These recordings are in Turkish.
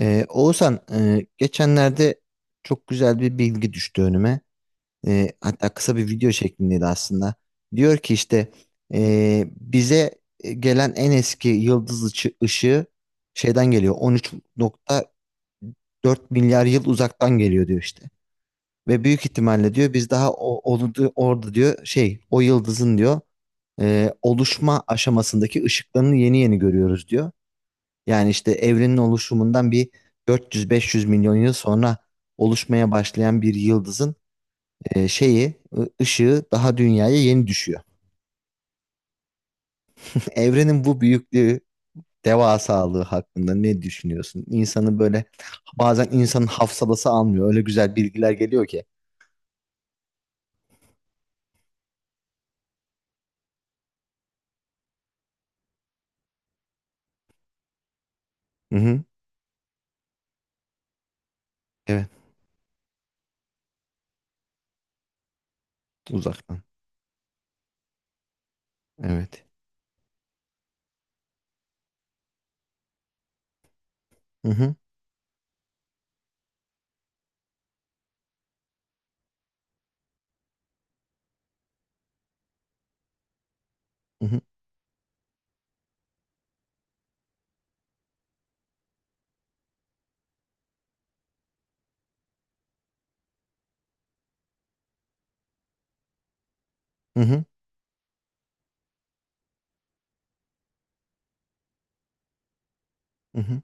Oğuzhan, geçenlerde çok güzel bir bilgi düştü önüme. Hatta kısa bir video şeklindeydi aslında. Diyor ki işte bize gelen en eski yıldız ışığı şeyden geliyor. 13.4 milyar yıl uzaktan geliyor diyor işte. Ve büyük ihtimalle diyor biz daha orada diyor şey o yıldızın diyor oluşma aşamasındaki ışıklarını yeni yeni görüyoruz diyor. Yani işte evrenin oluşumundan bir 400-500 milyon yıl sonra oluşmaya başlayan bir yıldızın ışığı daha dünyaya yeni düşüyor. Evrenin bu büyüklüğü, devasalığı hakkında ne düşünüyorsun? İnsanı böyle bazen insanın hafsalası almıyor. Öyle güzel bilgiler geliyor ki. Hı hı. Evet, uzaktan. Evet. Hı hı. Hı hı. Hı hı. Hı hı.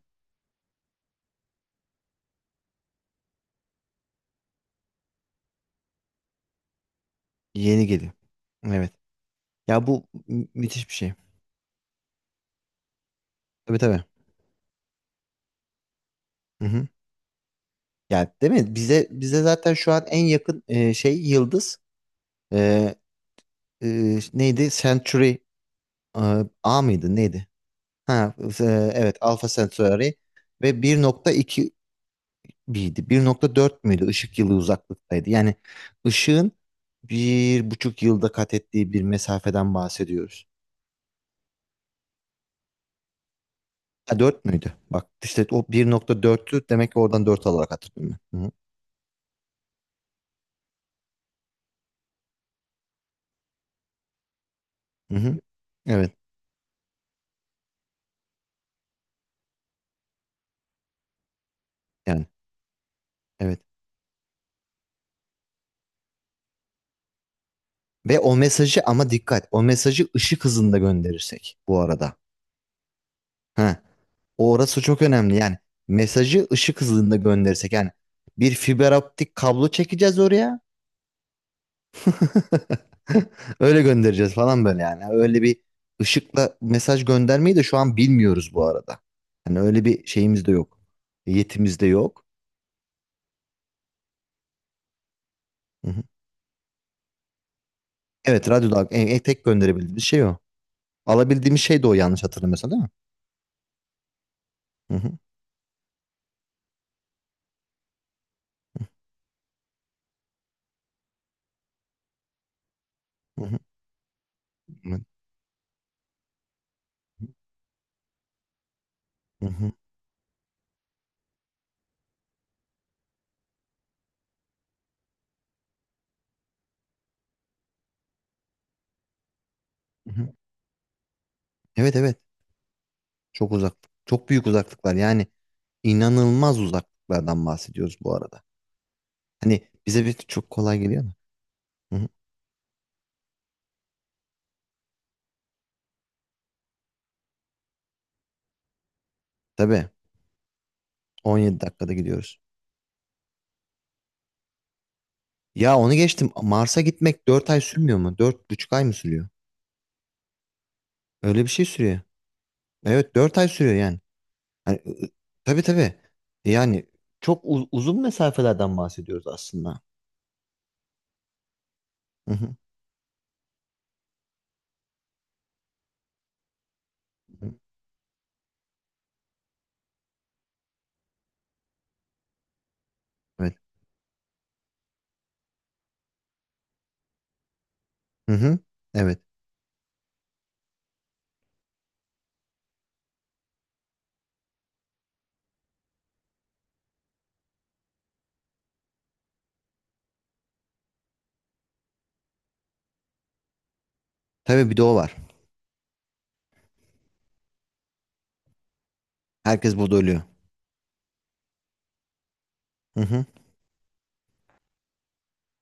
Yeni geliyor. Evet. Ya bu müthiş bir şey. Tabii tabii. Hı hı. Yani değil mi? Bize zaten şu an en yakın şey yıldız e, neydi? Century e, A mıydı? Neydi? Ha, e, evet Alpha Centauri ve 1.2 miydi? 1.4 müydü? Işık yılı uzaklıktaydı. Yani ışığın bir buçuk yılda kat ettiği bir mesafeden bahsediyoruz. Ha, 4 müydü? Bak işte o 1.4'tü demek ki oradan 4 alarak hatırlıyorum ben. Hı hı. Hı hı. Evet yani evet. Ve o mesajı ama dikkat o mesajı ışık hızında gönderirsek bu arada. Ha, orası çok önemli yani mesajı ışık hızında gönderirsek yani bir fiber optik kablo çekeceğiz oraya. Öyle göndereceğiz falan böyle yani. Öyle bir ışıkla mesaj göndermeyi de şu an bilmiyoruz bu arada. Hani öyle bir şeyimiz de yok. Yetimiz de yok. Hı hı. Evet, radyo dalga en tek gönderebildiğimiz şey o. Alabildiğimiz şey de o, yanlış hatırlamıyorsam değil mi? Hı hı. Hı hı. Hı hı. Hı hı. Evet evet. Çok uzak. Çok büyük uzaklıklar. Yani inanılmaz uzaklıklardan bahsediyoruz bu arada. Hani bize bir çok kolay geliyor mu? Hı hı. Tabii, 17 dakikada gidiyoruz. Ya onu geçtim. Mars'a gitmek 4 ay sürmüyor mu? Dört buçuk ay mı sürüyor? Öyle bir şey sürüyor. Evet, 4 ay sürüyor yani. Hani, tabii tabii. Yani çok uzun mesafelerden bahsediyoruz aslında. Hı hı. Hı. Evet. Hı hı. Evet. Tabii bir de o var. Herkes burada ölüyor.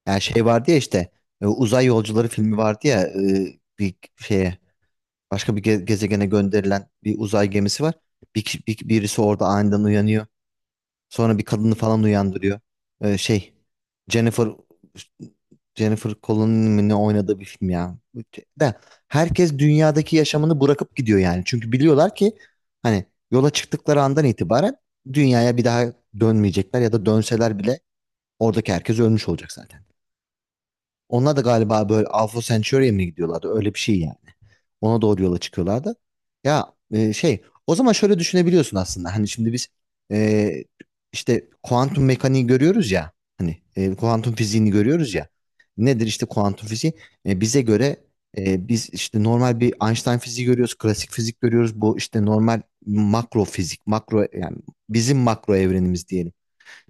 Yani şey vardı ya, işte uzay yolcuları filmi vardı ya. Bir şeye, başka bir gezegene gönderilen bir uzay gemisi var. Bir, birisi orada aniden uyanıyor. Sonra bir kadını falan uyandırıyor. E, şey Jennifer Jennifer Connelly'nin ne oynadığı bir film ya. De herkes dünyadaki yaşamını bırakıp gidiyor yani. Çünkü biliyorlar ki, hani yola çıktıkları andan itibaren dünyaya bir daha dönmeyecekler, ya da dönseler bile oradaki herkes ölmüş olacak zaten. Onlar da galiba böyle Alpha Centauri'ye mi gidiyorlardı? Öyle bir şey yani. Ona doğru yola çıkıyorlardı. Ya o zaman şöyle düşünebiliyorsun aslında. Hani şimdi biz e, işte kuantum mekaniği görüyoruz ya. Hani kuantum fiziğini görüyoruz ya. Nedir işte kuantum fiziği? Bize göre biz işte normal bir Einstein fiziği görüyoruz. Klasik fizik görüyoruz. Bu işte normal makro fizik. Makro, yani bizim makro evrenimiz diyelim.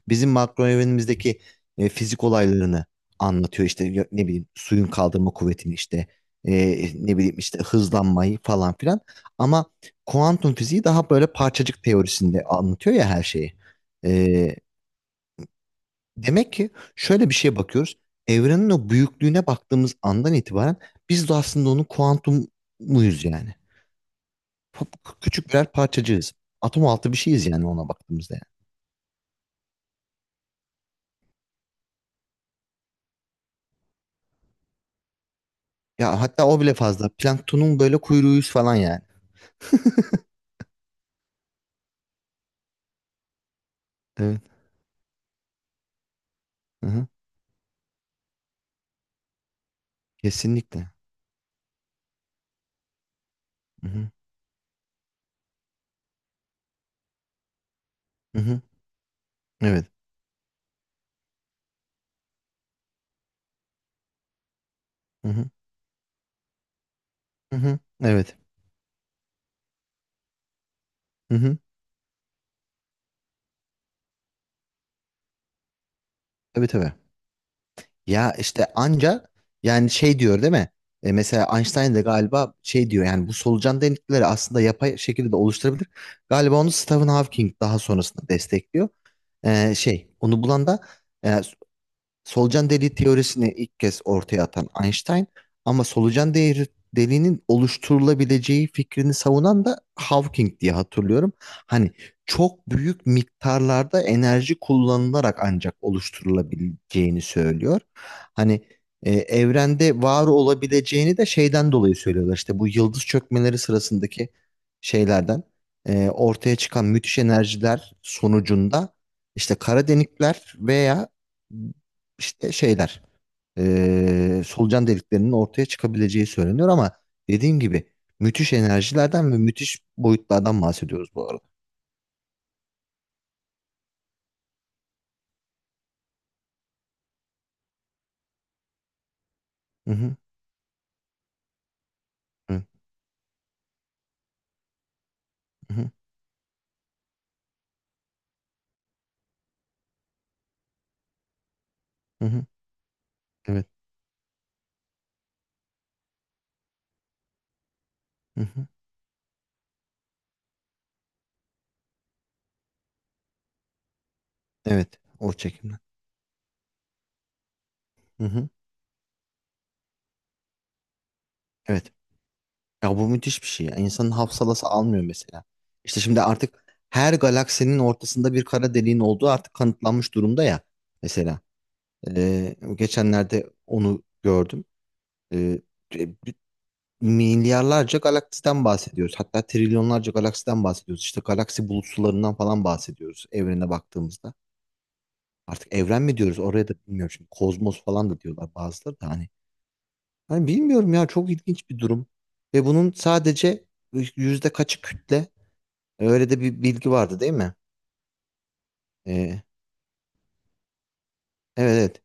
Bizim makro evrenimizdeki fizik olaylarını anlatıyor. İşte ne bileyim suyun kaldırma kuvvetini işte, e, ne bileyim işte hızlanmayı falan filan. Ama kuantum fiziği daha böyle parçacık teorisinde anlatıyor ya her şeyi. E, Demek ki şöyle bir şeye bakıyoruz. Evrenin o büyüklüğüne baktığımız andan itibaren biz de aslında onun kuantum muyuz yani? Küçük birer parçacığız. Atom altı bir şeyiz yani ona baktığımızda, yani. Ya hatta o bile fazla. Planktonun böyle kuyruğuyuz falan yani. Evet. Hı hı. Kesinlikle. Hı hı. Hı hı. Evet. Hı hı. Hı hı. Evet. Hı hı. Tabii tabii. Ya işte anca yani, şey diyor değil mi? Mesela Einstein de galiba şey diyor yani, bu solucan delikleri aslında yapay şekilde de oluşturabilir. Galiba onu Stephen Hawking daha sonrasında destekliyor. Şey onu bulan da, e, solucan deliği teorisini ilk kez ortaya atan Einstein, ama solucan değeri, deliğinin oluşturulabileceği fikrini savunan da Hawking diye hatırlıyorum. Hani çok büyük miktarlarda enerji kullanılarak ancak oluşturulabileceğini söylüyor. Hani evrende var olabileceğini de şeyden dolayı söylüyorlar. İşte bu yıldız çökmeleri sırasındaki şeylerden ortaya çıkan müthiş enerjiler sonucunda işte kara delikler veya işte şeyler, solucan deliklerinin ortaya çıkabileceği söyleniyor ama dediğim gibi müthiş enerjilerden ve müthiş boyutlardan bahsediyoruz bu arada. Hı hı, hı hı, hı hı, evet, hı hı, evet, o çekimden. Hı hı, evet. Ya bu müthiş bir şey ya. İnsanın hafsalası almıyor mesela. İşte şimdi artık her galaksinin ortasında bir kara deliğin olduğu artık kanıtlanmış durumda ya. Mesela geçenlerde onu gördüm. Eee milyarlarca galaksiden bahsediyoruz. Hatta trilyonlarca galaksiden bahsediyoruz. İşte galaksi bulutsularından falan bahsediyoruz evrene baktığımızda. Artık evren mi diyoruz oraya da bilmiyorum. Şimdi kozmos falan da diyorlar bazıları da, hani. Hani bilmiyorum ya, çok ilginç bir durum. Ve bunun sadece yüzde kaçı kütle? Öyle de bir bilgi vardı değil mi? Ee, evet evet.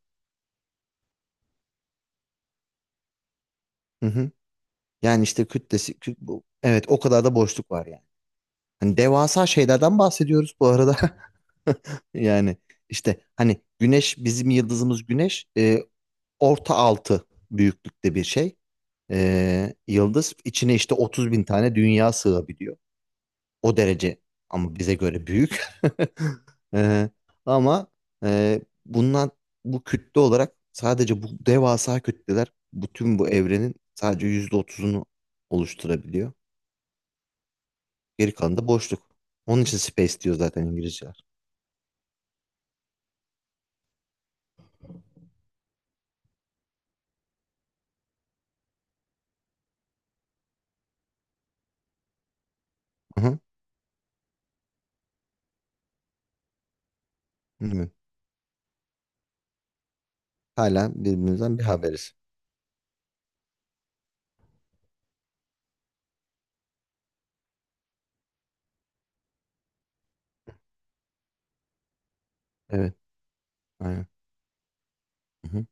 Hı hı. Yani işte kütlesi evet, o kadar da boşluk var yani. Hani devasa şeylerden bahsediyoruz bu arada. Yani işte hani güneş, bizim yıldızımız güneş orta altı büyüklükte bir şey. Yıldız içine işte 30 bin tane dünya sığabiliyor. O derece, ama bize göre büyük. E, Ama bundan, bu kütle olarak sadece bu devasa kütleler, bütün bu evrenin sadece yüzde otuzunu oluşturabiliyor. Geri kalanı da boşluk. Onun için space diyor zaten İngilizceler. Hı hı. Bilmiyorum. Hala birbirimizden bir haberiz. Evet, aynen. Hı hı.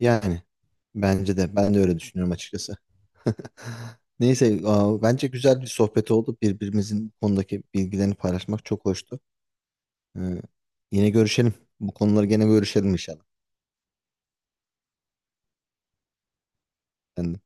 Yani bence de, ben de öyle düşünüyorum açıkçası. Neyse, aa, bence güzel bir sohbet oldu. Birbirimizin bu konudaki bilgilerini paylaşmak çok hoştu. Ee, yine görüşelim. Bu konuları gene görüşelim inşallah. Kendine